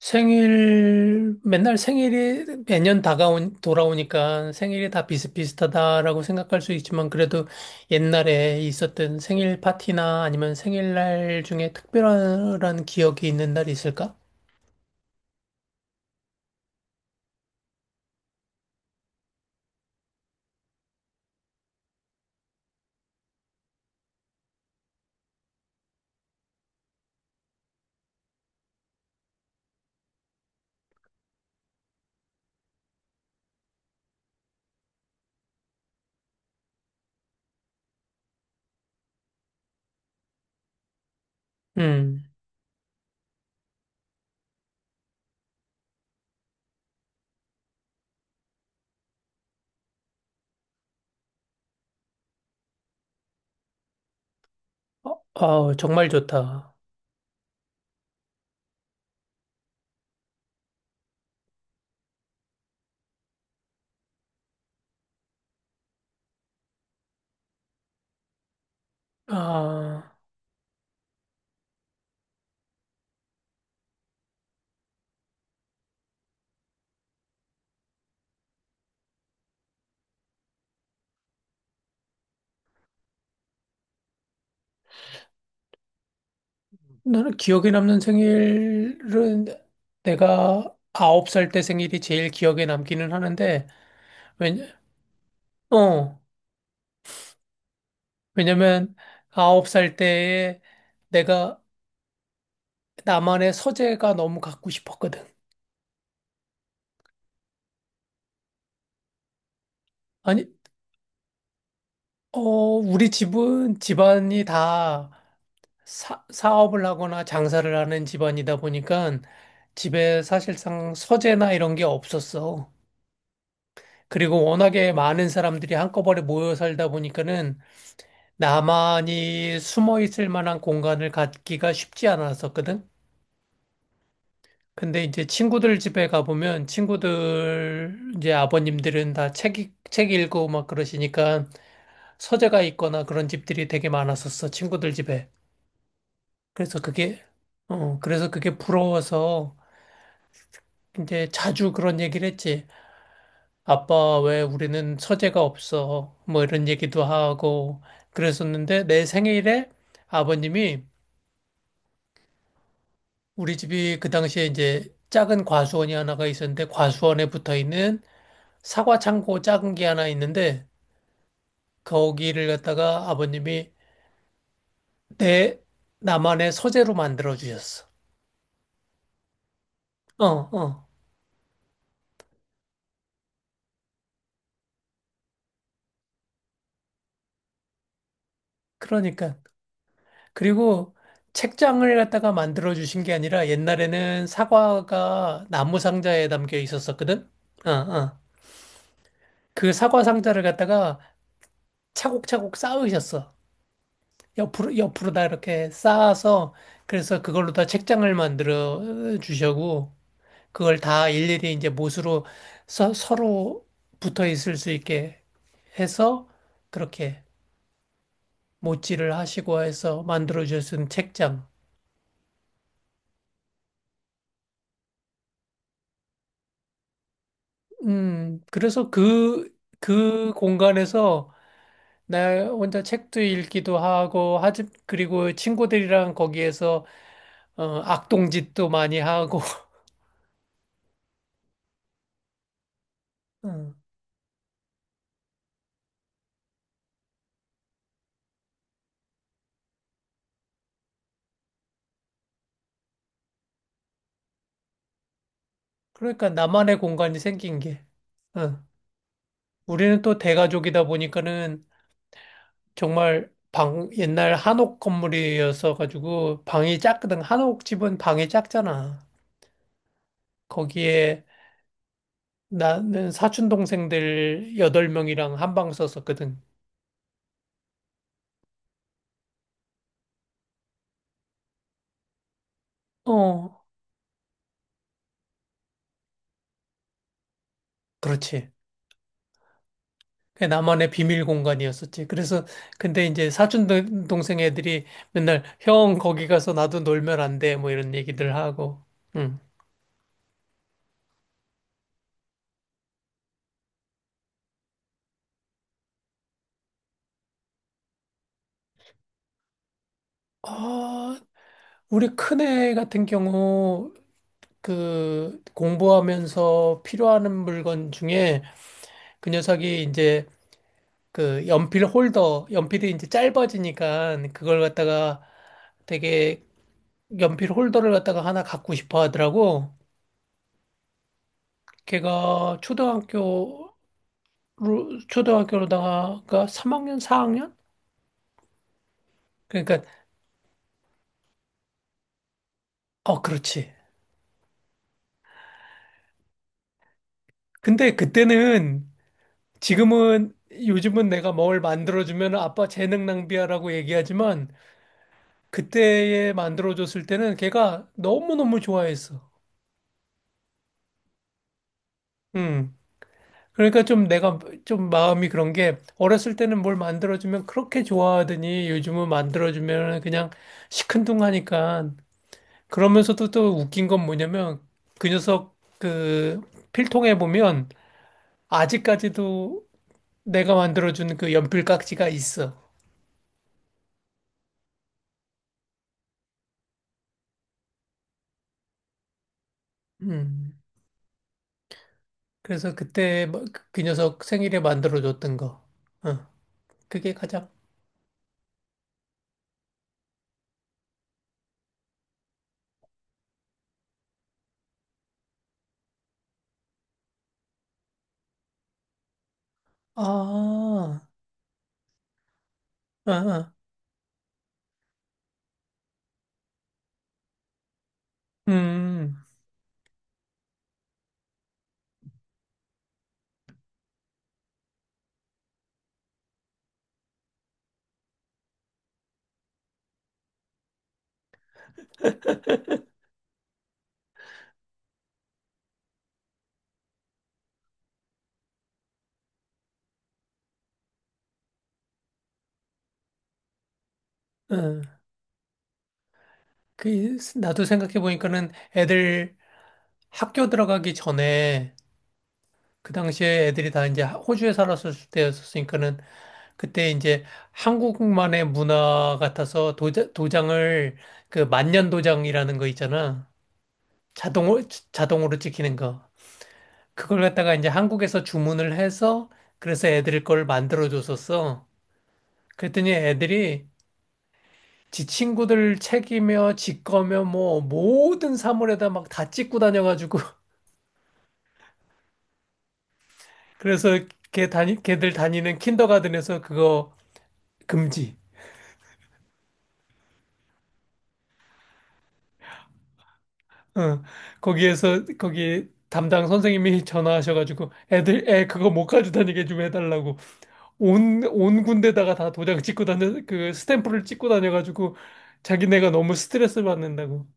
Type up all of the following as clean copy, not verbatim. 생일, 맨날 돌아오니까 생일이 다 비슷비슷하다라고 생각할 수 있지만, 그래도 옛날에 있었던 생일 파티나 아니면 생일날 중에 특별한 기억이 있는 날이 있을까? 음, 어, 아우, 정말 좋다. 아, 나는 기억에 남는 생일은 내가 아홉 살 때 생일이 제일 기억에 남기는 하는데, 왜냐, 어, 왜냐면 아홉 살 때에 내가 나만의 서재가 너무 갖고 싶었거든. 아니, 우리 집은 집안이 다 사업을 하거나 장사를 하는 집안이다 보니까 집에 사실상 서재나 이런 게 없었어. 그리고 워낙에 많은 사람들이 한꺼번에 모여 살다 보니까는 나만이 숨어 있을 만한 공간을 갖기가 쉽지 않았었거든. 근데 이제 친구들 집에 가보면 친구들 이제 아버님들은 책 읽고 막 그러시니까 서재가 있거나 그런 집들이 되게 많았었어, 친구들 집에. 그래서 그게, 그래서 그게 부러워서 이제 자주 그런 얘기를 했지. 아빠, 왜 우리는 서재가 없어? 뭐 이런 얘기도 하고 그랬었는데, 내 생일에 아버님이, 우리 집이 그 당시에 이제 작은 과수원이 하나가 있었는데, 과수원에 붙어 있는 사과 창고 작은 게 하나 있는데, 거기를 갖다가 아버님이 내 나만의 서재로 만들어 주셨어. 어, 어. 그러니까. 그리고 책장을 갖다가 만들어 주신 게 아니라, 옛날에는 사과가 나무 상자에 담겨 있었었거든? 어, 어. 그 사과 상자를 갖다가 차곡차곡 쌓으셨어. 옆으로, 옆으로 다 이렇게 쌓아서, 그래서 그걸로 다 책장을 만들어 주셔고, 그걸 다 일일이 이제 못으로 서로 붙어 있을 수 있게 해서, 그렇게 못질을 하시고 해서 만들어 주신 책장. 그래서 그 공간에서 나 혼자 책도 읽기도 하고, 하지, 그리고 친구들이랑 거기에서 어, 악동짓도 많이 하고, 음, 그러니까 나만의 공간이 생긴 게. 어. 우리는 또 대가족이다 보니까는 정말 방, 옛날 한옥 건물이어서 가지고 방이 작거든. 한옥 집은 방이 작잖아. 거기에 나는 사촌 동생들 여덟 명이랑 한 방 썼었거든. 어, 그렇지. 그게 나만의 비밀 공간이었었지. 그래서 근데 이제 동생 애들이 맨날 형 거기 가서 나도 놀면 안 돼, 뭐 이런 얘기들 하고. 응. 아, 우리 큰애 같은 경우 그 공부하면서 필요하는 물건 중에 그 녀석이 이제 그 연필 홀더, 연필이 이제 짧아지니까 그걸 갖다가 되게 연필 홀더를 갖다가 하나 갖고 싶어 하더라고. 걔가 초등학교로다가 3학년, 4학년? 그러니까 어 그렇지. 근데 그때는, 지금은 요즘은 내가 뭘 만들어주면 아빠 재능 낭비야라고 얘기하지만, 그때에 만들어줬을 때는 걔가 너무너무 좋아했어. 음. 그러니까 좀 내가 좀 마음이 그런 게, 어렸을 때는 뭘 만들어주면 그렇게 좋아하더니 요즘은 만들어주면 그냥 시큰둥하니까. 그러면서도 또 웃긴 건 뭐냐면 그 녀석 그 필통에 보면 아직까지도 내가 만들어준 그 연필 깍지가 있어. 음. 그래서 그때 뭐 그 녀석 생일에 만들어줬던 거. 어, 그게 가장, 아, 아, 아, 음, 어. 그, 나도 생각해보니까는 애들 학교 들어가기 전에 그 당시에 애들이 다 이제 호주에 살았을 때였으니까는, 그때 이제 한국만의 문화 같아서 도장을, 그 만년도장이라는 거 있잖아. 자동으로 자동으로 찍히는 거. 그걸 갖다가 이제 한국에서 주문을 해서 그래서 애들 걸 만들어 줬었어. 그랬더니 애들이 지 친구들 책이며 지 거며 뭐 모든 사물에다 막 다 찍고 다녀가지고 그래서 걔 다니 걔들 다니는 킨더가든에서 그거 금지. 어. 거기에서 거기 담당 선생님이 전화하셔가지고 애들 애 그거 못 가지고 다니게 좀 해달라고. 온 군데다가 다 도장 찍고 다녀, 그 스탬프를 찍고 다녀가지고 자기네가 너무 스트레스 받는다고.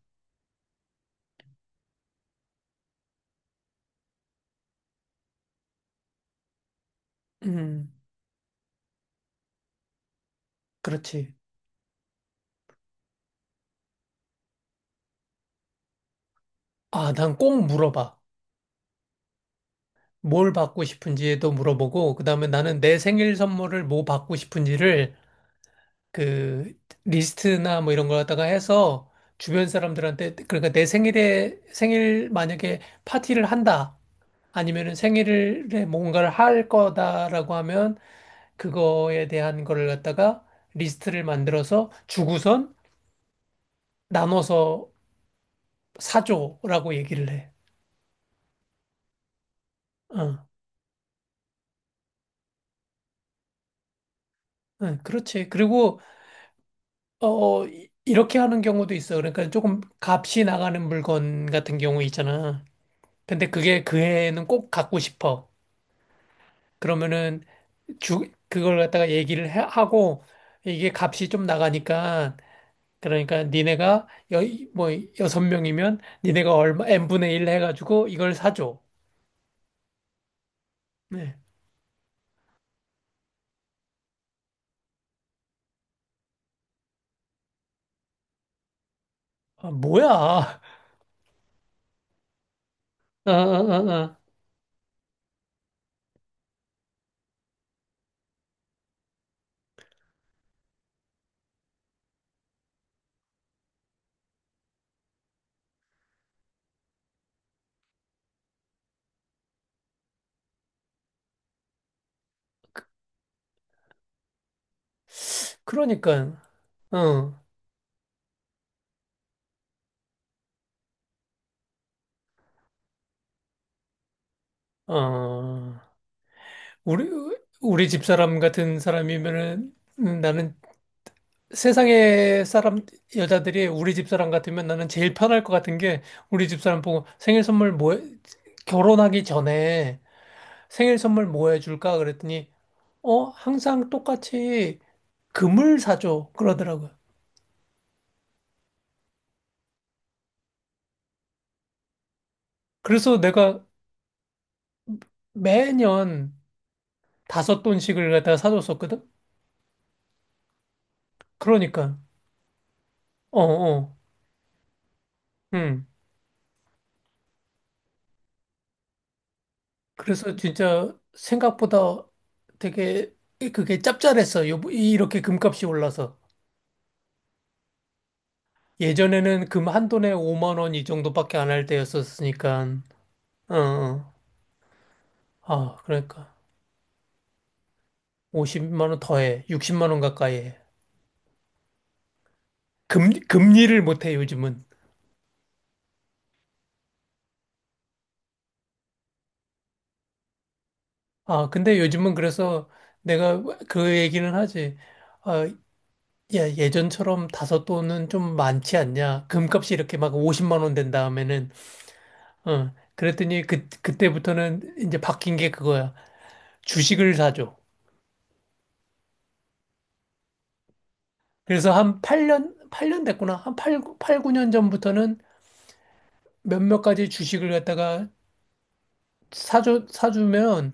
음, 그렇지. 아, 난 꼭 물어봐. 뭘 받고 싶은지도 물어보고, 그 다음에 나는 내 생일 선물을 뭐 받고 싶은지를 그 리스트나 뭐 이런 걸 갖다가 해서 주변 사람들한테, 그러니까 내 생일에, 생일 만약에 파티를 한다. 아니면은 생일에 뭔가를 할 거다라고 하면 그거에 대한 거를 갖다가 리스트를 만들어서 주고선 나눠서 사줘라고 얘기를 해. 어, 그렇지. 그리고 이렇게 하는 경우도 있어. 그러니까 조금 값이 나가는 물건 같은 경우 있잖아. 근데 그게 그 해에는 꼭 갖고 싶어. 그러면은 주 그걸 갖다가 하고, 이게 값이 좀 나가니까 그러니까 니네가 여, 뭐 여섯 명이면 니네가 얼마 n분의 1 해가지고 이걸 사줘. 네. 아, 뭐야. 아, 아, 아, 아. 그러니까, 어, 어, 우리, 우리 집사람 같은 사람이면은 나는 세상에 사람, 여자들이 우리 집사람 같으면 나는 제일 편할 것 같은 게, 우리 집사람 보고 생일 선물 뭐, 해- 결혼하기 전에 생일 선물 뭐 해줄까? 그랬더니, 어, 항상 똑같이 금을 사줘, 그러더라고요. 그래서 내가 매년 다섯 돈씩을 갖다 사줬었거든? 그러니까. 어, 어. 음. 그래서 진짜 생각보다 되게 그게 짭짤했어. 요, 이렇게 금값이 올라서. 예전에는 금 한 돈에 5만 원 이 정도밖에 안할 때였었으니까. 어, 어. 아, 그러니까 50만 원 더해. 60만 원 가까이 해. 금리를 못 해, 요즘은. 아, 근데 요즘은 그래서 내가 그 얘기는 하지. 아, 야, 예전처럼 다섯 돈은 좀 많지 않냐? 금값이 이렇게 막 50만 원 된 다음에는, 어, 그랬더니 그때부터는 이제 바뀐 게 그거야. 주식을 사줘. 그래서 팔 년 됐구나. 팔 9년 전부터는 몇몇 가지 주식을 갖다가 사주면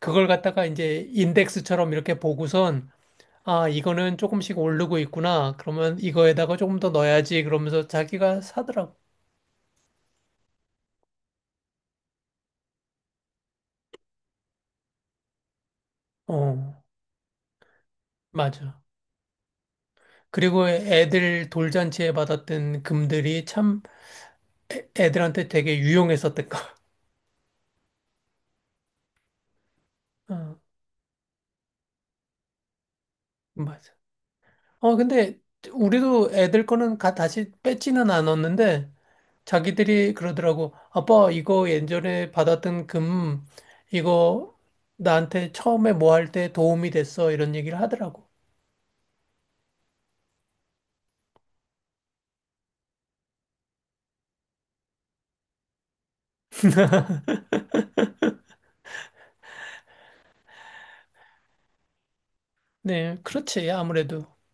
그걸 갖다가 이제 인덱스처럼 이렇게 보고선, 아, 이거는 조금씩 오르고 있구나, 그러면 이거에다가 조금 더 넣어야지, 그러면서 자기가 사더라고. 어, 맞아. 그리고 애들 돌잔치에 받았던 금들이 참 애들한테 되게 유용했었던 거. 어, 맞아. 어, 근데 우리도 애들 거는 다시 뺏지는 않았는데, 자기들이 그러더라고. 아빠, 이거 예전에 받았던 금, 이거 나한테 처음에 뭐 할 때 도움이 됐어, 이런 얘기를 하더라고. 네, 그렇지. 아무래도.